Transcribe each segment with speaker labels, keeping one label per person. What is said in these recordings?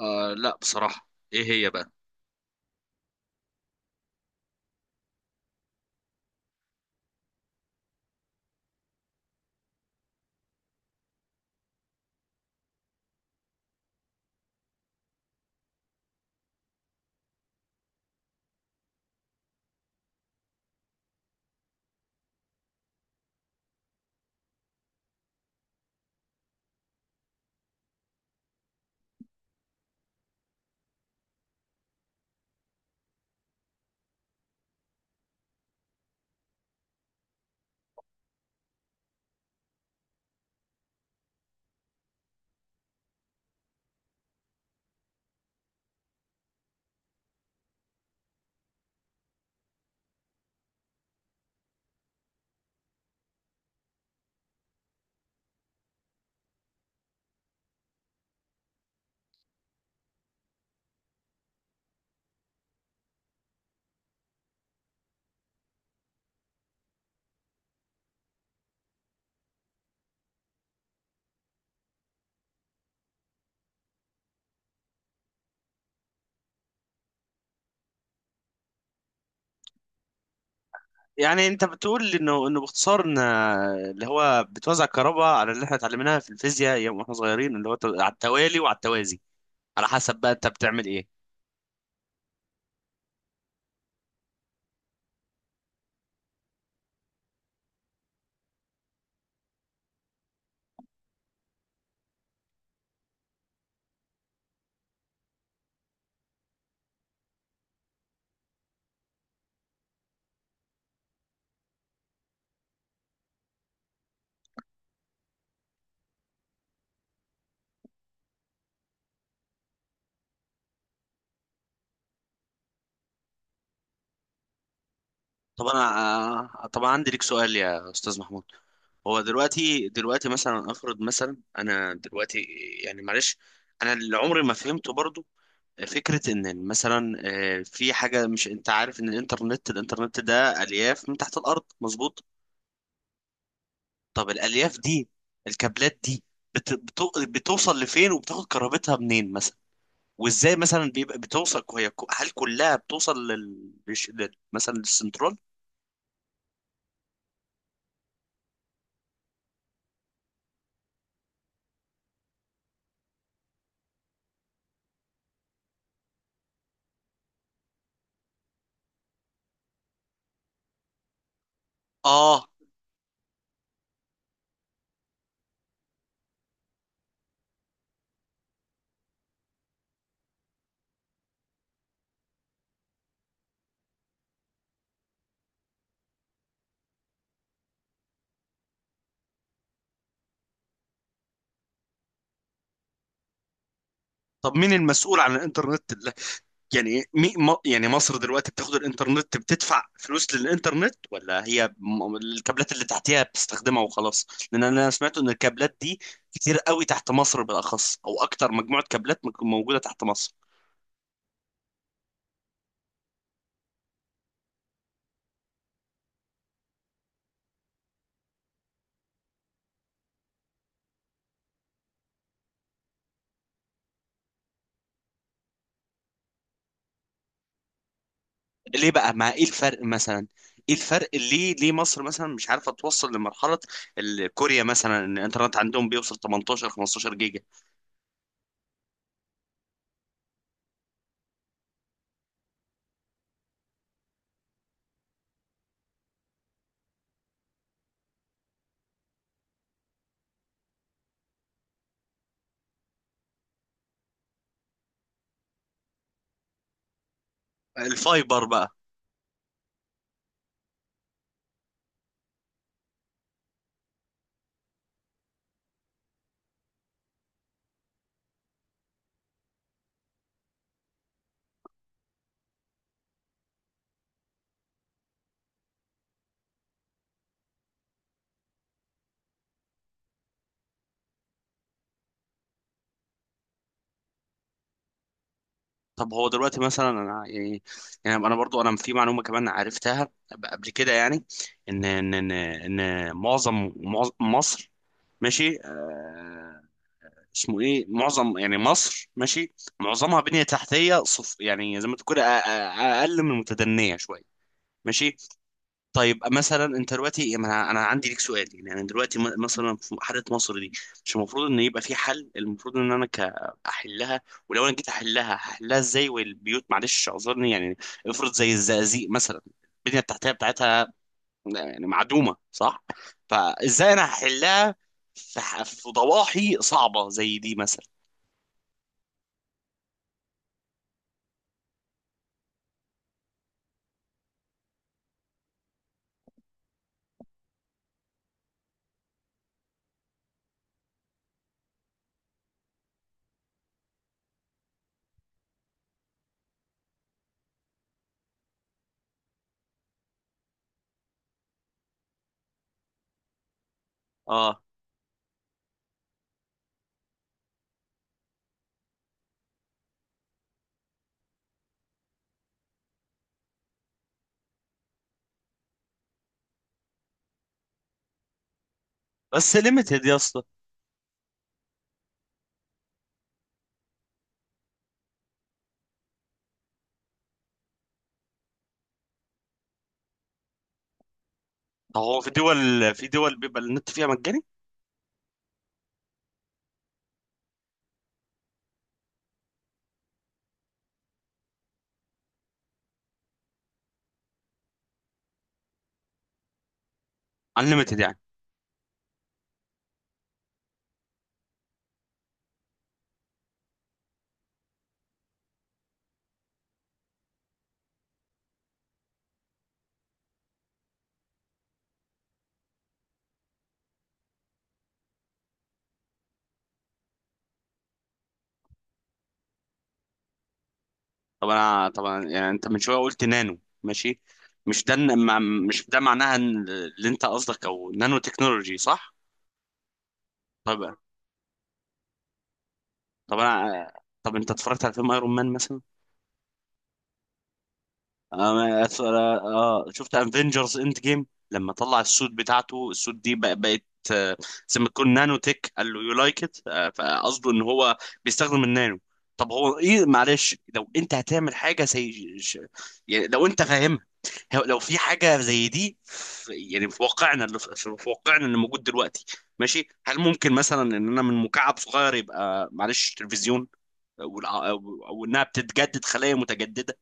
Speaker 1: آه لا بصراحة. ايه هي بقى؟ يعني اللي قلنا اللي هو توزع على اللي احنا في الفيزياء يا وازي على حد ايه. طب انا طب انا عندي ليك سؤال يا استاذ محمود. هو دلوقتي مثلا، افرض مثلا انا دلوقتي، يعني معلش، انا اللي عمري ما فهمته برضو فكرة ان مثلا في حاجة، مش انت عارف ان الانترنت ده الياف من تحت الارض، مظبوط؟ طب الالياف دي، الكابلات دي بتوصل لفين وبتاخد كهربتها منين مثلا؟ وازاي مثلا بيبقى بتوصل هي هل كلها بتوصل مثلا للسنترال؟ اه. طب مين المسؤول عن الانترنت اللي... يعني مصر دلوقتي بتاخد الانترنت بتدفع فلوس للانترنت، ولا هي الكابلات اللي تحتها بتستخدمها وخلاص؟ لان انا سمعت ان الكابلات دي كتير قوي تحت مصر بالاخص، او اكتر مجموعة كابلات موجودة تحت مصر. ليه بقى؟ ما ايه الفرق مثلا ايه الفرق ليه ليه مصر مثلا مش عارفه توصل لمرحله كوريا مثلا؟ ان الانترنت عندهم بيوصل 18 15 جيجا. الفايبر بقى. طب هو دلوقتي مثلا، انا يعني، يعني انا برضو انا في معلومه كمان عرفتها قبل كده، يعني ان ان ان, إن معظم معظم- مصر ماشي آه، اسمه ايه، معظم يعني مصر ماشي معظمها بنية تحتية صف، يعني زي ما تقول اقل من المتدنية شوية. ماشي. طيب مثلا انت دلوقتي، ما انا أنا عندي ليك سؤال، يعني انا دلوقتي مثلا في حاله مصر دي، مش المفروض ان يبقى في حل؟ المفروض ان انا احلها. ولو انا جيت احلها هحلها ازاي، والبيوت، معلش اعذرني يعني، افرض زي الزقازيق مثلا، البنيه التحتيه بتاعتها يعني معدومه، صح؟ فازاي انا هحلها في ضواحي صعبه زي دي مثلا؟ اه. بس ليميتد يا اسطى. طب هو في دول بيبقى النت فيها مجاني؟ انليميتد يعني. طب انا طبعا، يعني انت من شويه قلت نانو، ماشي. مش ده إن- مع- مش ده معناها إن اللي انت قصدك او نانو تكنولوجي؟ صح. طب، طب انا طب انت اتفرجت على فيلم ايرون مان مثلا؟ اه، شفت افنجرز اند جيم. لما طلع السوت بتاعته، السوت دي بقت آه، زي ما تكون نانو تك، قال له يو لايك ات. فقصده ان هو بيستخدم النانو. طب هو ايه، معلش، لو انت هتعمل حاجه زي يعني لو انت فاهمها، لو في حاجه زي دي في، يعني في واقعنا اللي في واقعنا اللي موجود دلوقتي، ماشي، هل ممكن مثلا ان انا من مكعب صغير يبقى، معلش، تلفزيون او انها بتتجدد، خلايا متجدده؟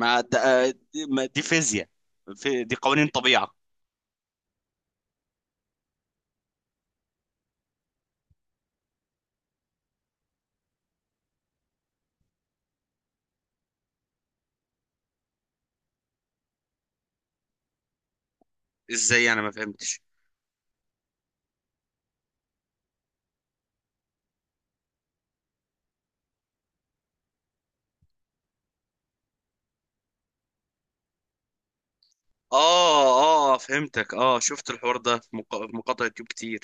Speaker 1: ما د- آه، دي ما- دي فيزياء، دي قوانين طبيعة. ازاي؟ انا ما فهمتش. اه. اه فهمتك. اه شفت الحوار ده في في مقاطع يوتيوب كتير.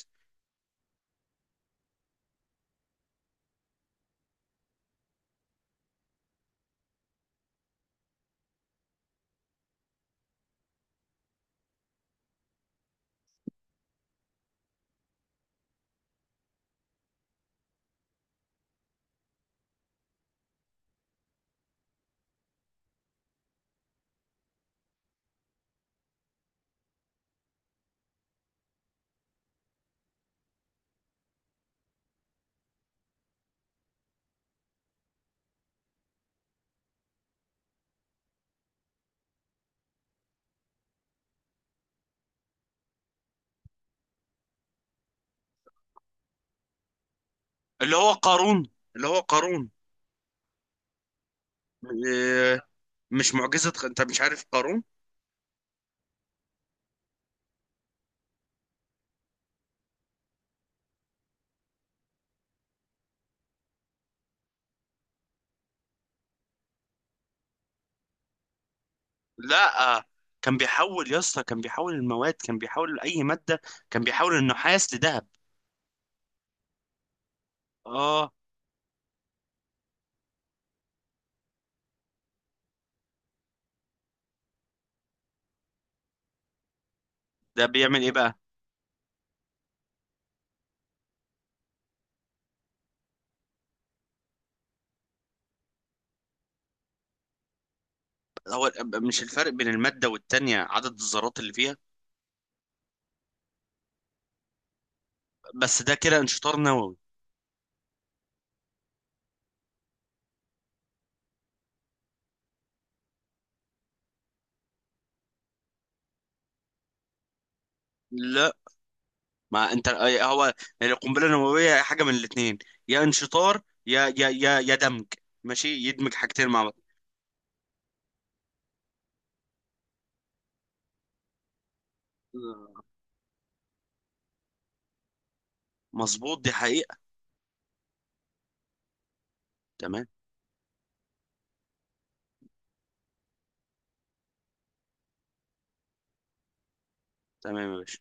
Speaker 1: اللي هو قارون. آه، مش معجزة؟ انت مش عارف قارون؟ لا آه، كان بيحول يا اسطى، كان بيحول المواد، كان بيحول اي مادة، كان بيحول النحاس لذهب. اه. ده بيعمل ايه بقى؟ هو مش الفرق بين المادة والتانية عدد الذرات اللي فيها؟ بس ده كده انشطار نووي. لا، ما انت أي- هو القنبله النوويه حاجه من الاثنين، يا انشطار يا دمج. ماشي، يدمج حاجتين مع بعض. مظبوط، دي حقيقه. تمام. تمام يا باشا.